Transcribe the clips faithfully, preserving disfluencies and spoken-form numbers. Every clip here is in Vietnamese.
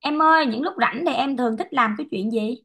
Em ơi, những lúc rảnh thì em thường thích làm cái chuyện gì?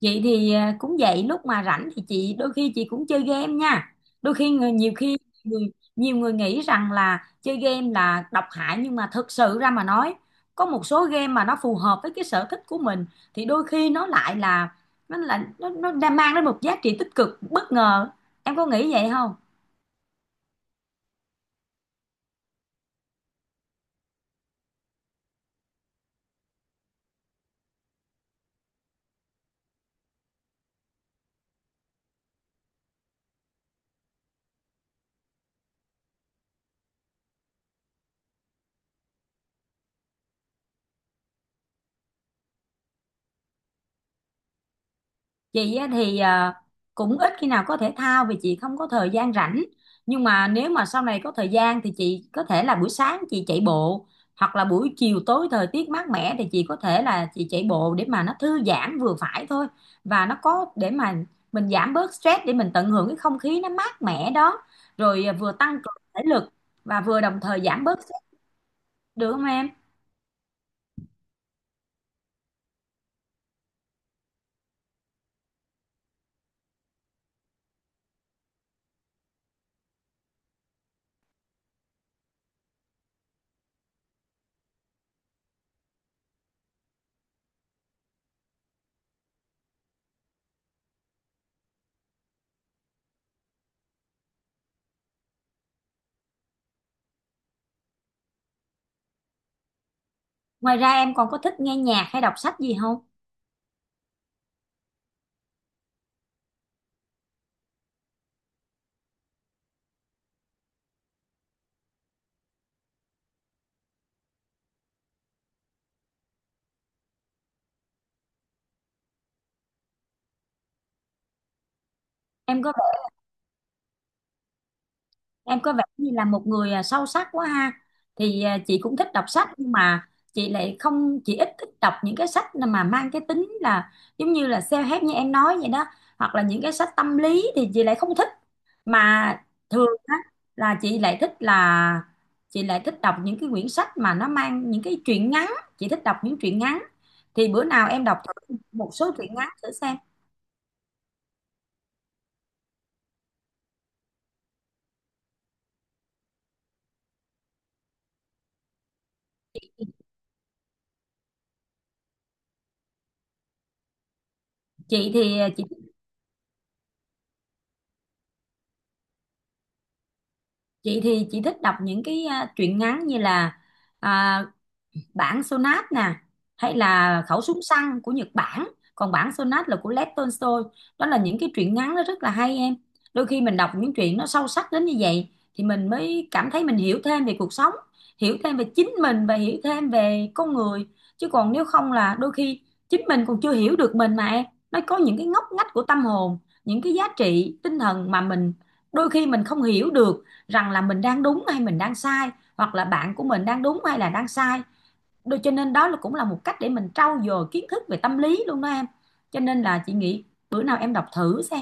Chị thì à, cũng vậy, lúc mà rảnh thì chị đôi khi chị cũng chơi game nha. Đôi khi người nhiều khi người, Nhiều người nghĩ rằng là chơi game là độc hại, nhưng mà thực sự ra mà nói, có một số game mà nó phù hợp với cái sở thích của mình thì đôi khi nó lại là nó là nó nó đang mang đến một giá trị tích cực bất ngờ. Em có nghĩ vậy không? Chị á thì à, cũng ít khi nào có thể thao vì chị không có thời gian rảnh, nhưng mà nếu mà sau này có thời gian thì chị có thể là buổi sáng chị chạy bộ, hoặc là buổi chiều tối thời tiết mát mẻ thì chị có thể là chị chạy bộ để mà nó thư giãn vừa phải thôi, và nó có để mà mình giảm bớt stress, để mình tận hưởng cái không khí nó mát mẻ đó, rồi à, vừa tăng cường thể lực và vừa đồng thời giảm bớt stress, được không em? Ngoài ra em còn có thích nghe nhạc hay đọc sách gì không? em có Em có vẻ như là một người à, sâu sắc quá ha. Thì à, chị cũng thích đọc sách, nhưng mà chị lại không chị ít thích đọc những cái sách mà mang cái tính là giống như là self-help như em nói vậy đó, hoặc là những cái sách tâm lý thì chị lại không thích. Mà thường á là chị lại thích là chị lại thích đọc những cái quyển sách mà nó mang những cái truyện ngắn, chị thích đọc những truyện ngắn. Thì bữa nào em đọc thử một số truyện ngắn thử xem. Chị thì à, chị chị thì chị thích đọc những cái à, truyện ngắn như là à, bản Sonat nè, hay là khẩu súng săn của Nhật Bản, còn bản Sonat là của Lev Tolstoy. Đó là những cái truyện ngắn nó rất là hay em. Đôi khi mình đọc những truyện nó sâu sắc đến như vậy thì mình mới cảm thấy mình hiểu thêm về cuộc sống, hiểu thêm về chính mình và hiểu thêm về con người. Chứ còn nếu không là đôi khi chính mình còn chưa hiểu được mình mà em, nó có những cái ngóc ngách của tâm hồn, những cái giá trị tinh thần mà mình đôi khi mình không hiểu được rằng là mình đang đúng hay mình đang sai, hoặc là bạn của mình đang đúng hay là đang sai. Đôi- cho nên đó là cũng là một cách để mình trau dồi kiến thức về tâm lý luôn đó em. Cho nên là chị nghĩ bữa nào em đọc thử xem.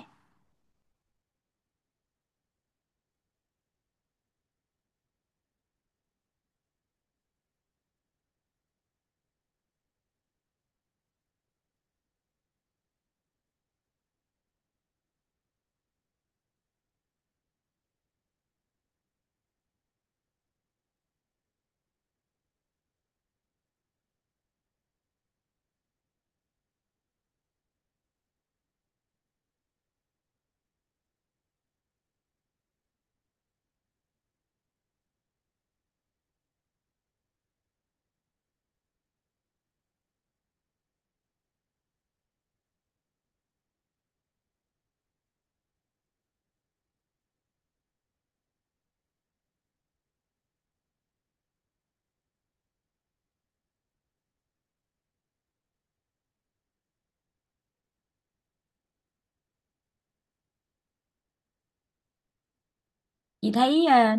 Chị thấy ờ,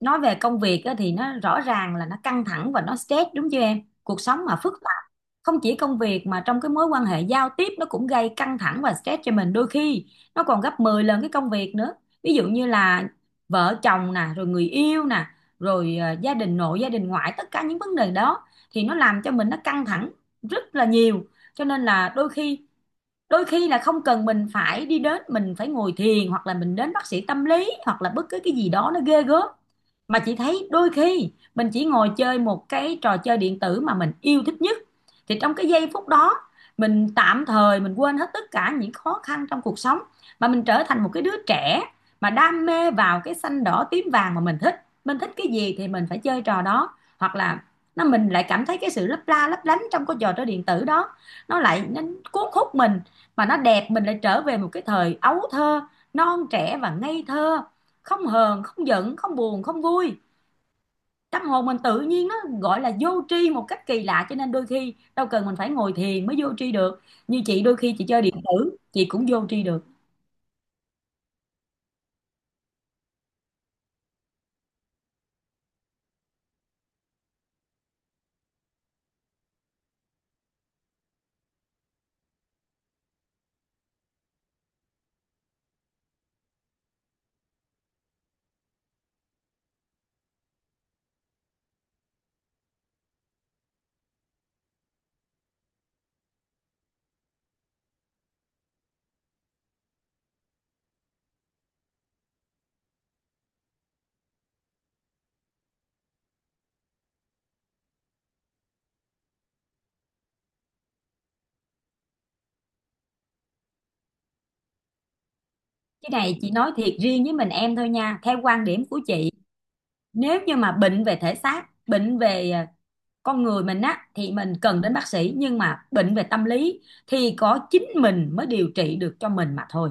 nói về công việc á, thì nó rõ ràng là nó căng thẳng và nó stress đúng chưa em, cuộc sống mà phức tạp, không chỉ công việc mà trong cái mối quan hệ giao tiếp nó cũng gây căng thẳng và stress cho mình, đôi khi nó còn gấp mười lần cái công việc nữa. Ví dụ như là vợ chồng nè, rồi người yêu nè, rồi ờ, gia đình nội gia đình ngoại, tất cả những vấn đề đó thì nó làm cho mình nó căng thẳng rất là nhiều. Cho nên là đôi khi đôi khi là không cần mình phải đi đến mình phải ngồi thiền, hoặc là mình đến bác sĩ tâm lý, hoặc là bất cứ cái gì đó nó ghê gớm. Mà chị thấy đôi khi mình chỉ ngồi chơi một cái trò chơi điện tử mà mình yêu thích nhất, thì trong cái giây phút đó mình tạm thời mình quên hết tất cả những khó khăn trong cuộc sống, mà mình trở thành một cái đứa trẻ, mà đam mê vào cái xanh đỏ tím vàng mà mình thích, mình thích cái gì thì mình phải chơi trò đó. Hoặc là nó mình lại cảm thấy cái sự lấp la lấp lánh trong cái trò chơi điện tử đó, nó lại nó cuốn hút mình, mà nó đẹp, mình lại trở về một cái thời ấu thơ non trẻ và ngây thơ, không hờn không giận không buồn không vui, tâm hồn mình tự nhiên nó gọi là vô tri một cách kỳ lạ. Cho nên đôi khi đâu cần mình phải ngồi thiền mới vô tri được, như chị đôi khi chị chơi điện tử chị cũng vô tri được. Cái này chị nói thiệt riêng với mình em thôi nha, theo quan điểm của chị, nếu như mà bệnh về thể xác, bệnh về à, con người mình á, thì mình cần đến bác sĩ, nhưng mà bệnh về tâm lý thì có chính mình mới điều trị được cho mình mà thôi.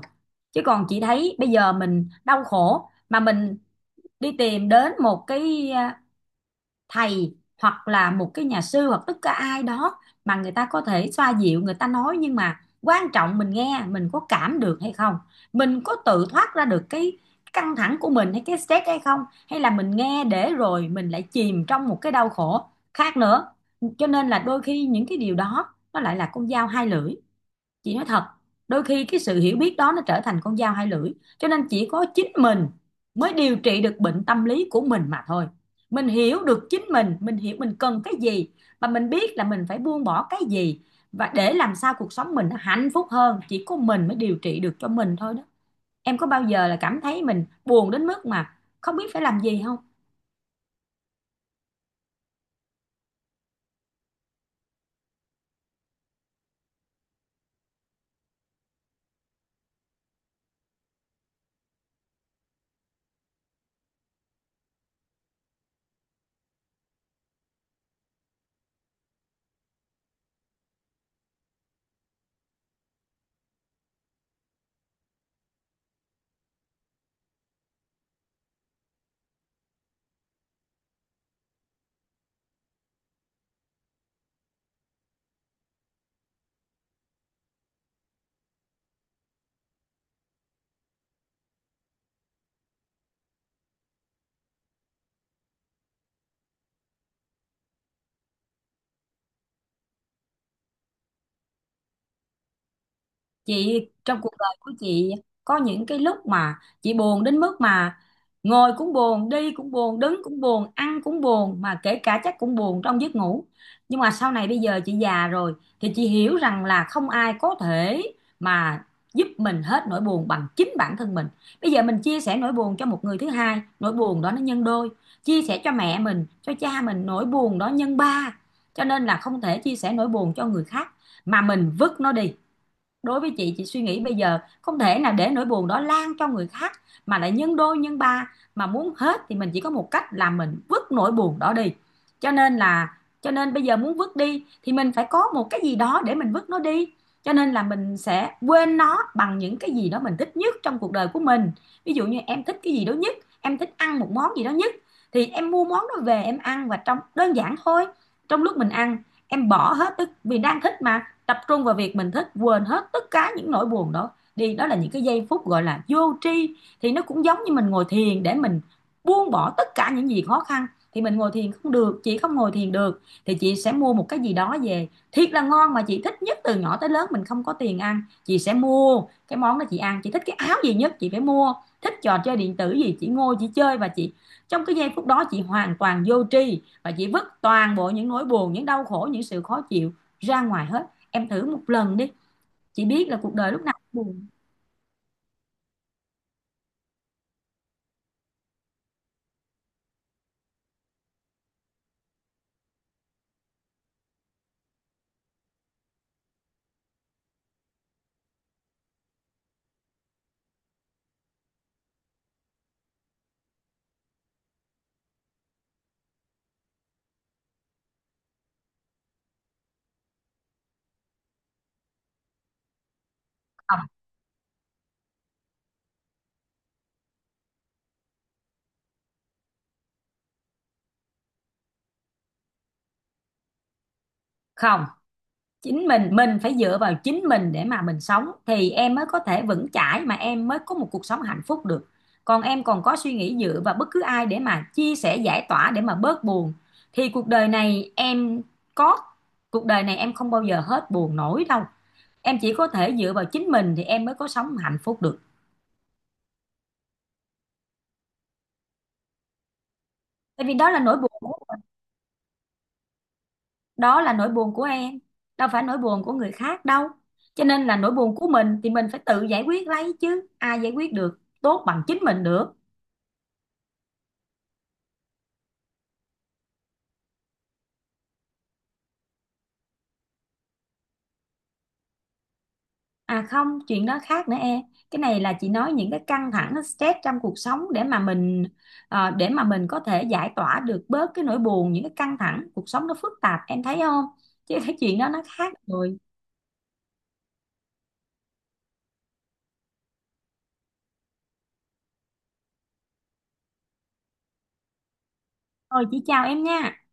Chứ còn chị thấy bây giờ mình đau khổ mà mình đi tìm đến một cái thầy, hoặc là một cái nhà sư, hoặc tất cả ai đó, mà người ta có thể xoa dịu, người ta nói nhưng mà quan trọng mình nghe mình có cảm được hay không, mình có tự thoát ra được cái căng thẳng của mình hay cái stress hay không, hay là mình nghe để rồi mình lại chìm trong một cái đau khổ khác nữa. Cho nên là đôi khi những cái điều đó nó lại là con dao hai lưỡi, chị nói thật, đôi khi cái sự hiểu biết đó nó trở thành con dao hai lưỡi. Cho nên chỉ có chính mình mới điều trị được bệnh tâm lý của mình mà thôi, mình hiểu được chính mình mình hiểu mình cần cái gì và mình biết là mình phải buông bỏ cái gì, và để làm sao cuộc sống mình nó hạnh phúc hơn, chỉ có mình mới điều trị được cho mình thôi đó. Em có bao giờ là cảm thấy mình buồn đến mức mà không biết phải làm gì không? Chị trong cuộc đời của chị có những cái lúc mà chị buồn đến mức mà ngồi cũng buồn, đi cũng buồn, đứng cũng buồn, ăn cũng buồn, mà kể cả chắc cũng buồn trong giấc ngủ. Nhưng mà sau này bây giờ chị già rồi thì chị hiểu rằng là không ai có thể mà giúp mình hết nỗi buồn bằng chính bản thân mình. Bây giờ mình chia sẻ nỗi buồn cho một người thứ hai, nỗi buồn đó nó nhân đôi, chia sẻ cho mẹ mình, cho cha mình, nỗi buồn đó nhân ba. Cho nên là không thể chia sẻ nỗi buồn cho người khác mà mình vứt nó đi. Đối với chị chị suy nghĩ bây giờ không thể nào để nỗi buồn đó lan cho người khác mà lại nhân đôi nhân ba, mà muốn hết thì mình chỉ có một cách là mình vứt nỗi buồn đó đi. Cho nên là cho nên bây giờ muốn vứt đi thì mình phải có một cái gì đó để mình vứt nó đi, cho nên là mình sẽ quên nó bằng những cái gì đó mình thích nhất trong cuộc đời của mình. Ví dụ như em thích cái gì đó nhất, em thích ăn một món gì đó nhất, thì em mua món đó về em ăn, và trong đơn giản thôi, trong lúc mình ăn em bỏ hết, tức vì đang thích mà, tập trung vào việc mình thích, quên hết tất cả những nỗi buồn đó đi. Đó là những cái giây phút gọi là vô tri, thì nó cũng giống như mình ngồi thiền để mình buông bỏ tất cả những gì khó khăn. Thì mình ngồi thiền không được, chị không ngồi thiền được thì chị sẽ mua một cái gì đó về thiệt là ngon mà chị thích nhất, từ nhỏ tới lớn mình không có tiền ăn chị sẽ mua cái món đó chị ăn, chị thích cái áo gì nhất chị phải mua, thích trò chơi điện tử gì chị ngồi chị chơi, và chị trong cái giây phút đó chị hoàn toàn vô tri và chị vứt toàn bộ những nỗi buồn, những đau khổ, những sự khó chịu ra ngoài hết. Em thử một lần đi. Chị biết là cuộc đời lúc nào cũng buồn. Không, không, chính mình mình phải dựa vào chính mình để mà mình sống thì em mới có thể vững chãi, mà em mới có một cuộc sống hạnh phúc được. Còn em còn có suy nghĩ dựa vào bất cứ ai để mà chia sẻ giải tỏa để mà bớt buồn thì cuộc đời này em có cuộc đời này em không bao giờ hết buồn nổi đâu. Em chỉ có thể dựa vào chính mình thì em mới có sống hạnh phúc được. Tại vì đó là nỗi buồn, đó là nỗi buồn của em, đâu phải nỗi buồn của người khác đâu, cho nên là nỗi buồn của mình thì mình phải tự giải quyết lấy, chứ ai giải quyết được tốt bằng chính mình được. À không, chuyện đó khác nữa em, cái này là chị nói những cái căng thẳng, cái stress trong cuộc sống để mà mình ờ, để mà mình có thể giải tỏa được bớt cái nỗi buồn, những cái căng thẳng cuộc sống nó phức tạp em thấy không, chứ cái chuyện đó nó khác rồi. Thôi chị chào em nha.